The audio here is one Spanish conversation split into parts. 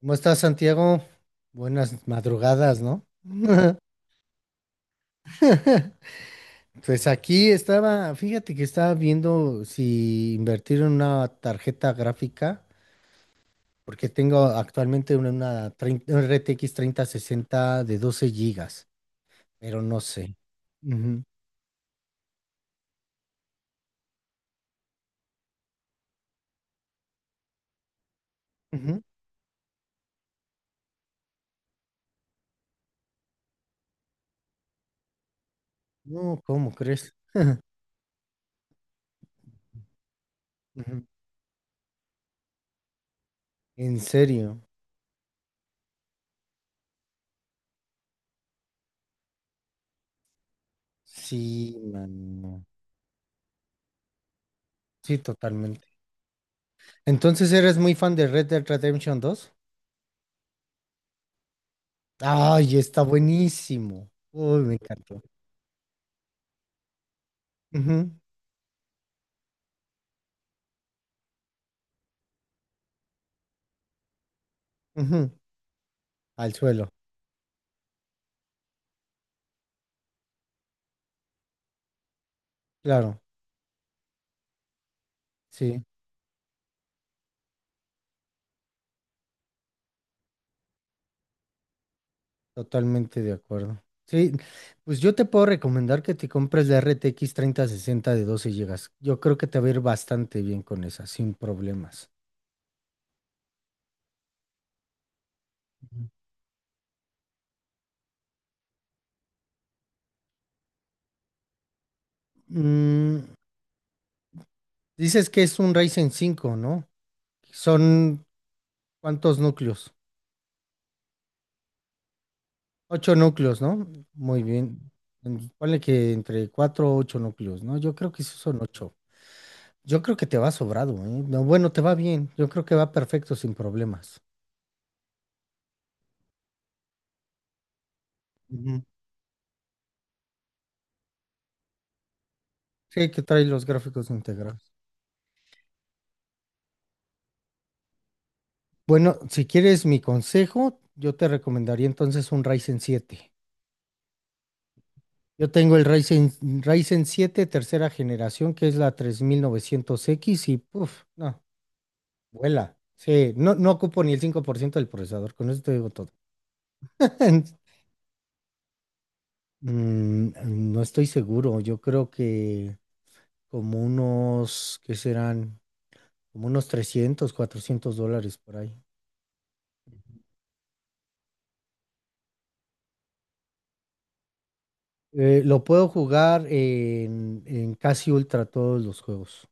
¿Cómo estás, Santiago? Buenas madrugadas, ¿no? Pues aquí estaba, fíjate que estaba viendo si invertir en una tarjeta gráfica, porque tengo actualmente una RTX 3060 de 12 gigas, pero no sé. Ujú, ujú. No, ¿cómo crees? Ujú. ¿En serio? Sí, mano. Sí, totalmente. Entonces, ¿eres muy fan de Red Dead Redemption dos? Ay, está buenísimo. Uy, me encantó. Ujú, ujú, al suelo, claro. Sí, totalmente de acuerdo. Sí, pues yo te puedo recomendar que te compres la RTX sesenta de 12 GB. Yo creo que te va a ir bastante bien con esa, sin problemas. Mm, dices que es un Ryzen 5, ¿no? Son ¿cuántos núcleos? Ocho núcleos, ¿no? Muy bien. Ponle que entre cuatro o ocho núcleos, ¿no? Yo creo que esos son ocho. Yo creo que te va sobrado, ¿eh? No, bueno, te va bien. Yo creo que va perfecto sin problemas. Ujú. Sí, que trae los gráficos integrados. Bueno, si quieres mi consejo, yo te recomendaría entonces un Ryzen 7. Yo tengo el Ryzen siete tercera generación, que es la 3900X y puff, no, vuela. Sí, no ocupo ni el 5% del procesador, con eso te digo todo. Mm, no estoy seguro, yo creo que como unos, ¿qué serán? Como unos $300, $400 por ahí. Lo puedo jugar en, casi ultra todos los juegos.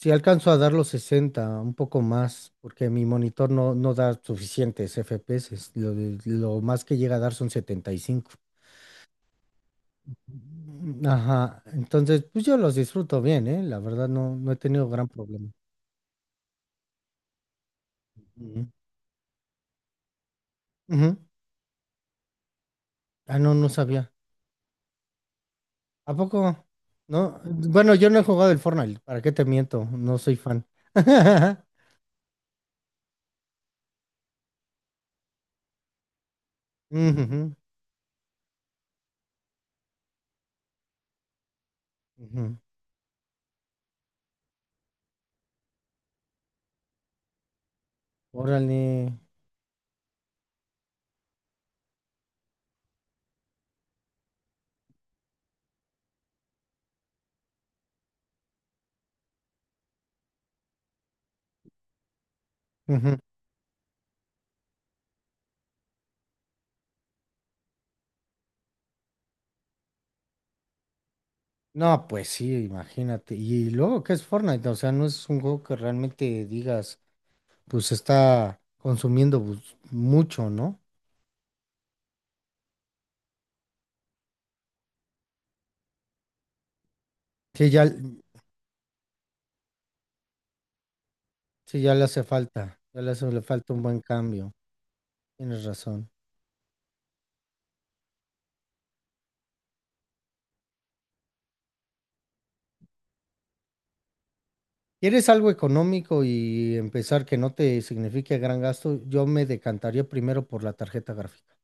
Si alcanzo a dar los 60, un poco más, porque mi monitor no da suficientes FPS. Lo más que llega a dar son 75. Mm, ajá, entonces pues yo los disfruto bien, ¿eh? La verdad no he tenido gran problema. Ujú. Ujú. Ah, no sabía. ¿A poco? No, bueno, yo no he jugado el Fortnite, ¿para qué te miento? No soy fan. Ujujú, ujú. Órale. Ujú. No, pues sí, imagínate. Y luego, ¿qué es Fortnite? O sea, no es un juego que realmente digas, pues está consumiendo pues, mucho, ¿no? Sí, ya, sí, ya le hace falta. Ya le hace le falta un buen cambio. Tienes razón. ¿Quieres algo económico y empezar que no te signifique gran gasto? Yo me decantaría primero por la tarjeta gráfica.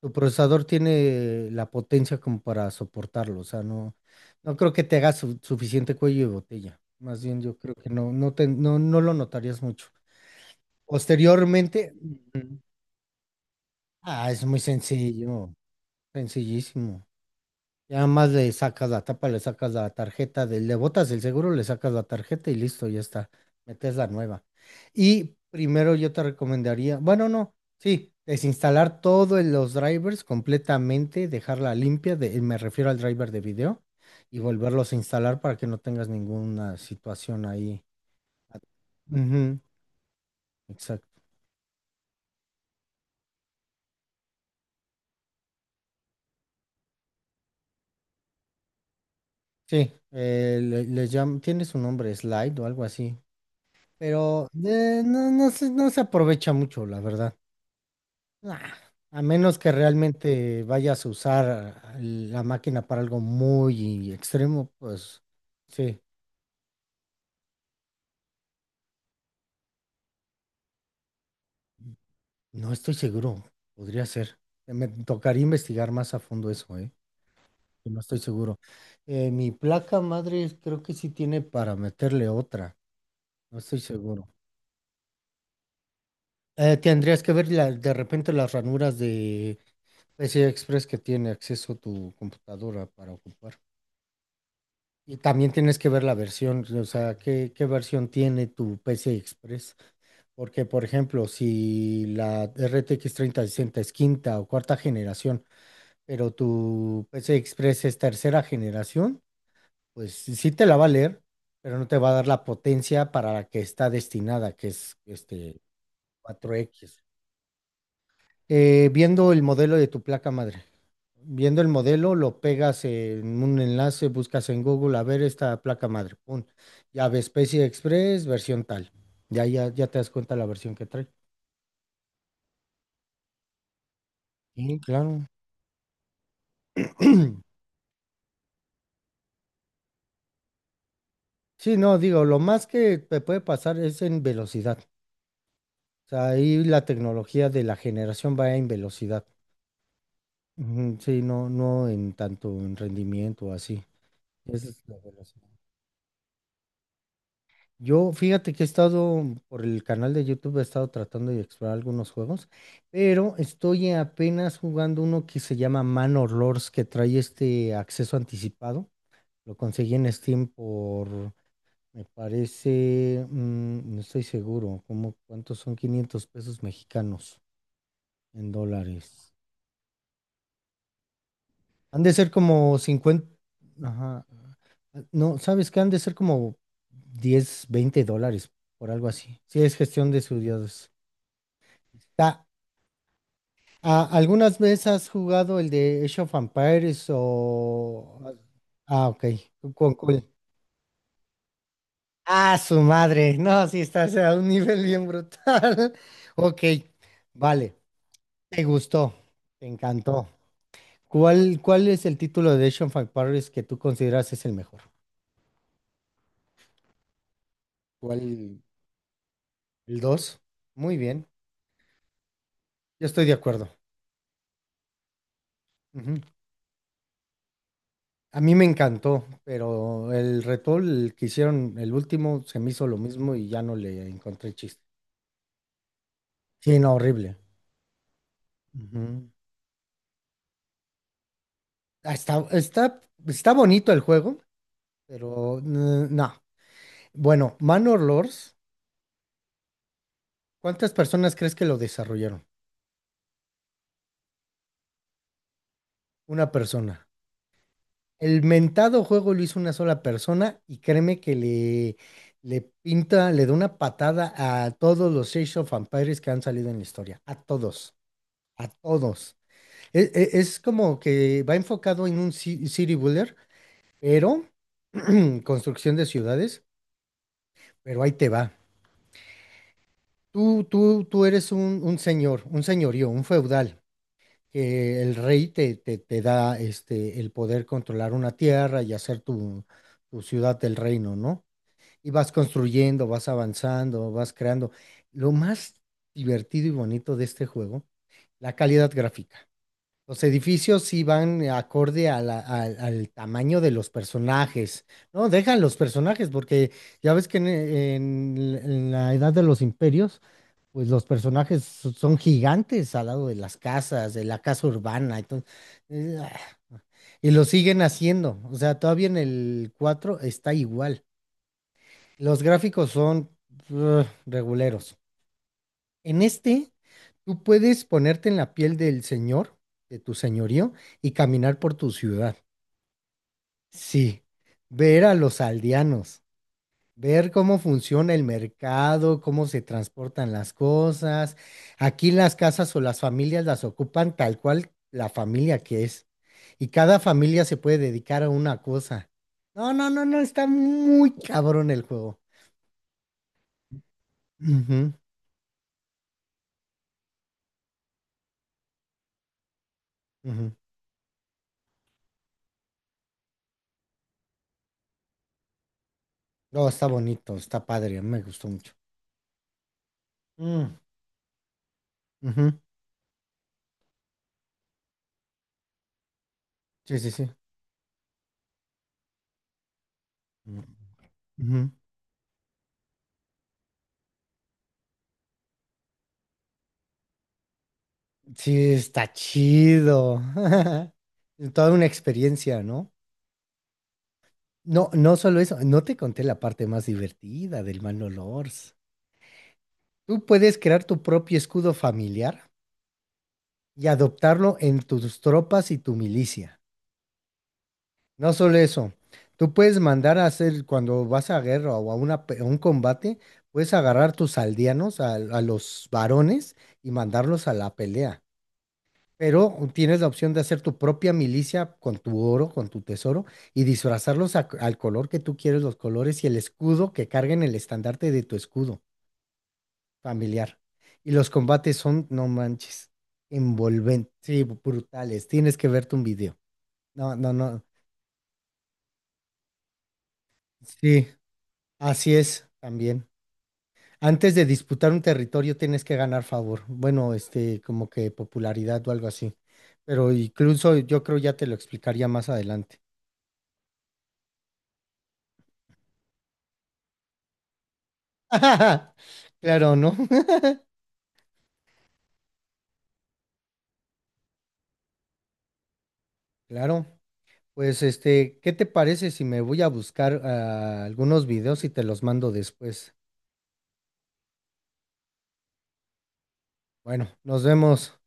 Tu procesador tiene la potencia como para soportarlo, o sea, no, no creo que te haga suficiente cuello de botella. Más bien yo creo que no, no te, no, no lo notarías mucho. Posteriormente. Ujú. Ah, es muy sencillo, sencillísimo. Ya más le sacas la tapa, le sacas la tarjeta, le botas el seguro, le sacas la tarjeta y listo, ya está. Metes la nueva. Y primero yo te recomendaría, bueno, no, sí, desinstalar todos los drivers completamente, dejarla limpia, me refiero al driver de video, y volverlos a instalar para que no tengas ninguna situación ahí. Ujú, exacto. Sí, tiene su nombre, Slide o algo así, pero no se aprovecha mucho, la verdad. Nah, a menos que realmente vayas a usar la máquina para algo muy extremo, pues sí, no estoy seguro, podría ser. Me tocaría investigar más a fondo eso, ¿eh? Que No estoy seguro. Mi placa madre creo que sí tiene para meterle otra, no estoy seguro. Tendrías que ver de repente las ranuras de PCI Express que tiene acceso tu computadora para ocupar. Y también tienes que ver la versión, o sea, qué versión tiene tu PCI Express. Porque, por ejemplo, si la RTX sesenta es quinta o cuarta generación, pero tu PCI Express es tercera generación, pues sí te la va a leer, pero no te va a dar la potencia para la que está destinada, que es este cuatro x. Viendo el modelo de tu placa madre. Viendo el modelo, lo pegas en un enlace, buscas en Google, a ver esta placa madre. Pum. Ya ves Specie Express, versión tal. Ya te das cuenta la versión que trae. Sí, claro. Sí, no, digo, lo más que te puede pasar es en velocidad. O sea, ahí la tecnología de la generación va en velocidad. Ujú, sí, no en tanto en rendimiento o así. Esa es la velocidad. Yo, fíjate que he estado por el canal de YouTube, he estado tratando de explorar algunos juegos, pero estoy apenas jugando uno que se llama Manor Lords, que trae este acceso anticipado. Lo conseguí en Steam por, me parece, no estoy seguro, como cuántos son 500 pesos mexicanos en dólares. Han de ser como 50, ajá, no, ¿sabes qué? Han de ser como $10, $20, por algo así. Sí, es gestión de estudios. Ta- ¿Algunas veces has jugado el de Age of Empires o? Ah, ok. Cu- cu- Ah, su madre. No, sí, estás a un nivel bien brutal. Ok, vale. Te gustó. Te encantó. ¿Cuál es el título de Age of Empires que tú consideras es el mejor? ¿Cuál? ¿El dos? Muy bien. Yo estoy de acuerdo. Ujú. A mí me encantó, pero el retool que hicieron, el último, se me hizo lo mismo y ya no le encontré chiste. Sí, no, horrible. Ujú. Ah, está bonito el juego, pero no. Bueno, Manor Lords, ¿cuántas personas crees que lo desarrollaron? Una persona. El mentado juego lo hizo una sola persona y créeme que le da una patada a todos los Age of Empires que han salido en la historia. A todos, a todos. Es, como que va enfocado en un city builder, pero construcción de ciudades, pero ahí te va. Tú eres un señor, un señorío, un feudal, que el rey te da este, el poder controlar una tierra y hacer tu ciudad del reino, ¿no? Y vas construyendo, vas avanzando, vas creando. Lo más divertido y bonito de este juego, la calidad gráfica. Los edificios sí van acorde a al tamaño de los personajes. No, dejan los personajes, porque ya ves que en, en la edad de los imperios, pues los personajes son gigantes al lado de las casas, de la casa urbana, entonces, eh, ah, y lo siguen haciendo, o sea, todavía en el cuatro está igual. Los gráficos son reguleros. En este, tú puedes ponerte en la piel del señor, de tu señorío, y caminar por tu ciudad. Sí, ver a los aldeanos. Ver cómo funciona el mercado, cómo se transportan las cosas. Aquí las casas o las familias las ocupan tal cual la familia que es. Y cada familia se puede dedicar a una cosa. No, no, no, no, está muy cabrón el juego. Ujú, ujú. No, está bonito, está padre, a mí me gustó mucho. Mm, ujú. Sí, sí, sí. Mm, ujú. Sí, está chido. Toda una experiencia, ¿no? No, no solo eso, no te conté la parte más divertida del mal olor. Tú puedes crear tu propio escudo familiar y adoptarlo en tus tropas y tu milicia. No solo eso, tú puedes mandar a hacer, cuando vas a guerra o a un combate, puedes agarrar tus aldeanos, a los varones, y mandarlos a la pelea. Pero tienes la opción de hacer tu propia milicia con tu oro, con tu tesoro, y disfrazarlos al color que tú quieres, los colores y el escudo que carguen el estandarte de tu escudo familiar. Y los combates son, no manches, envolventes, sí, brutales. Tienes que verte un video. No, no, no. Sí, así es también. Antes de disputar un territorio tienes que ganar favor. Bueno, este, como que popularidad o algo así. Pero incluso yo creo ya te lo explicaría más adelante. Claro, ¿no? Claro. Pues este, ¿qué te parece si me voy a buscar algunos videos y te los mando después? Bueno, nos vemos.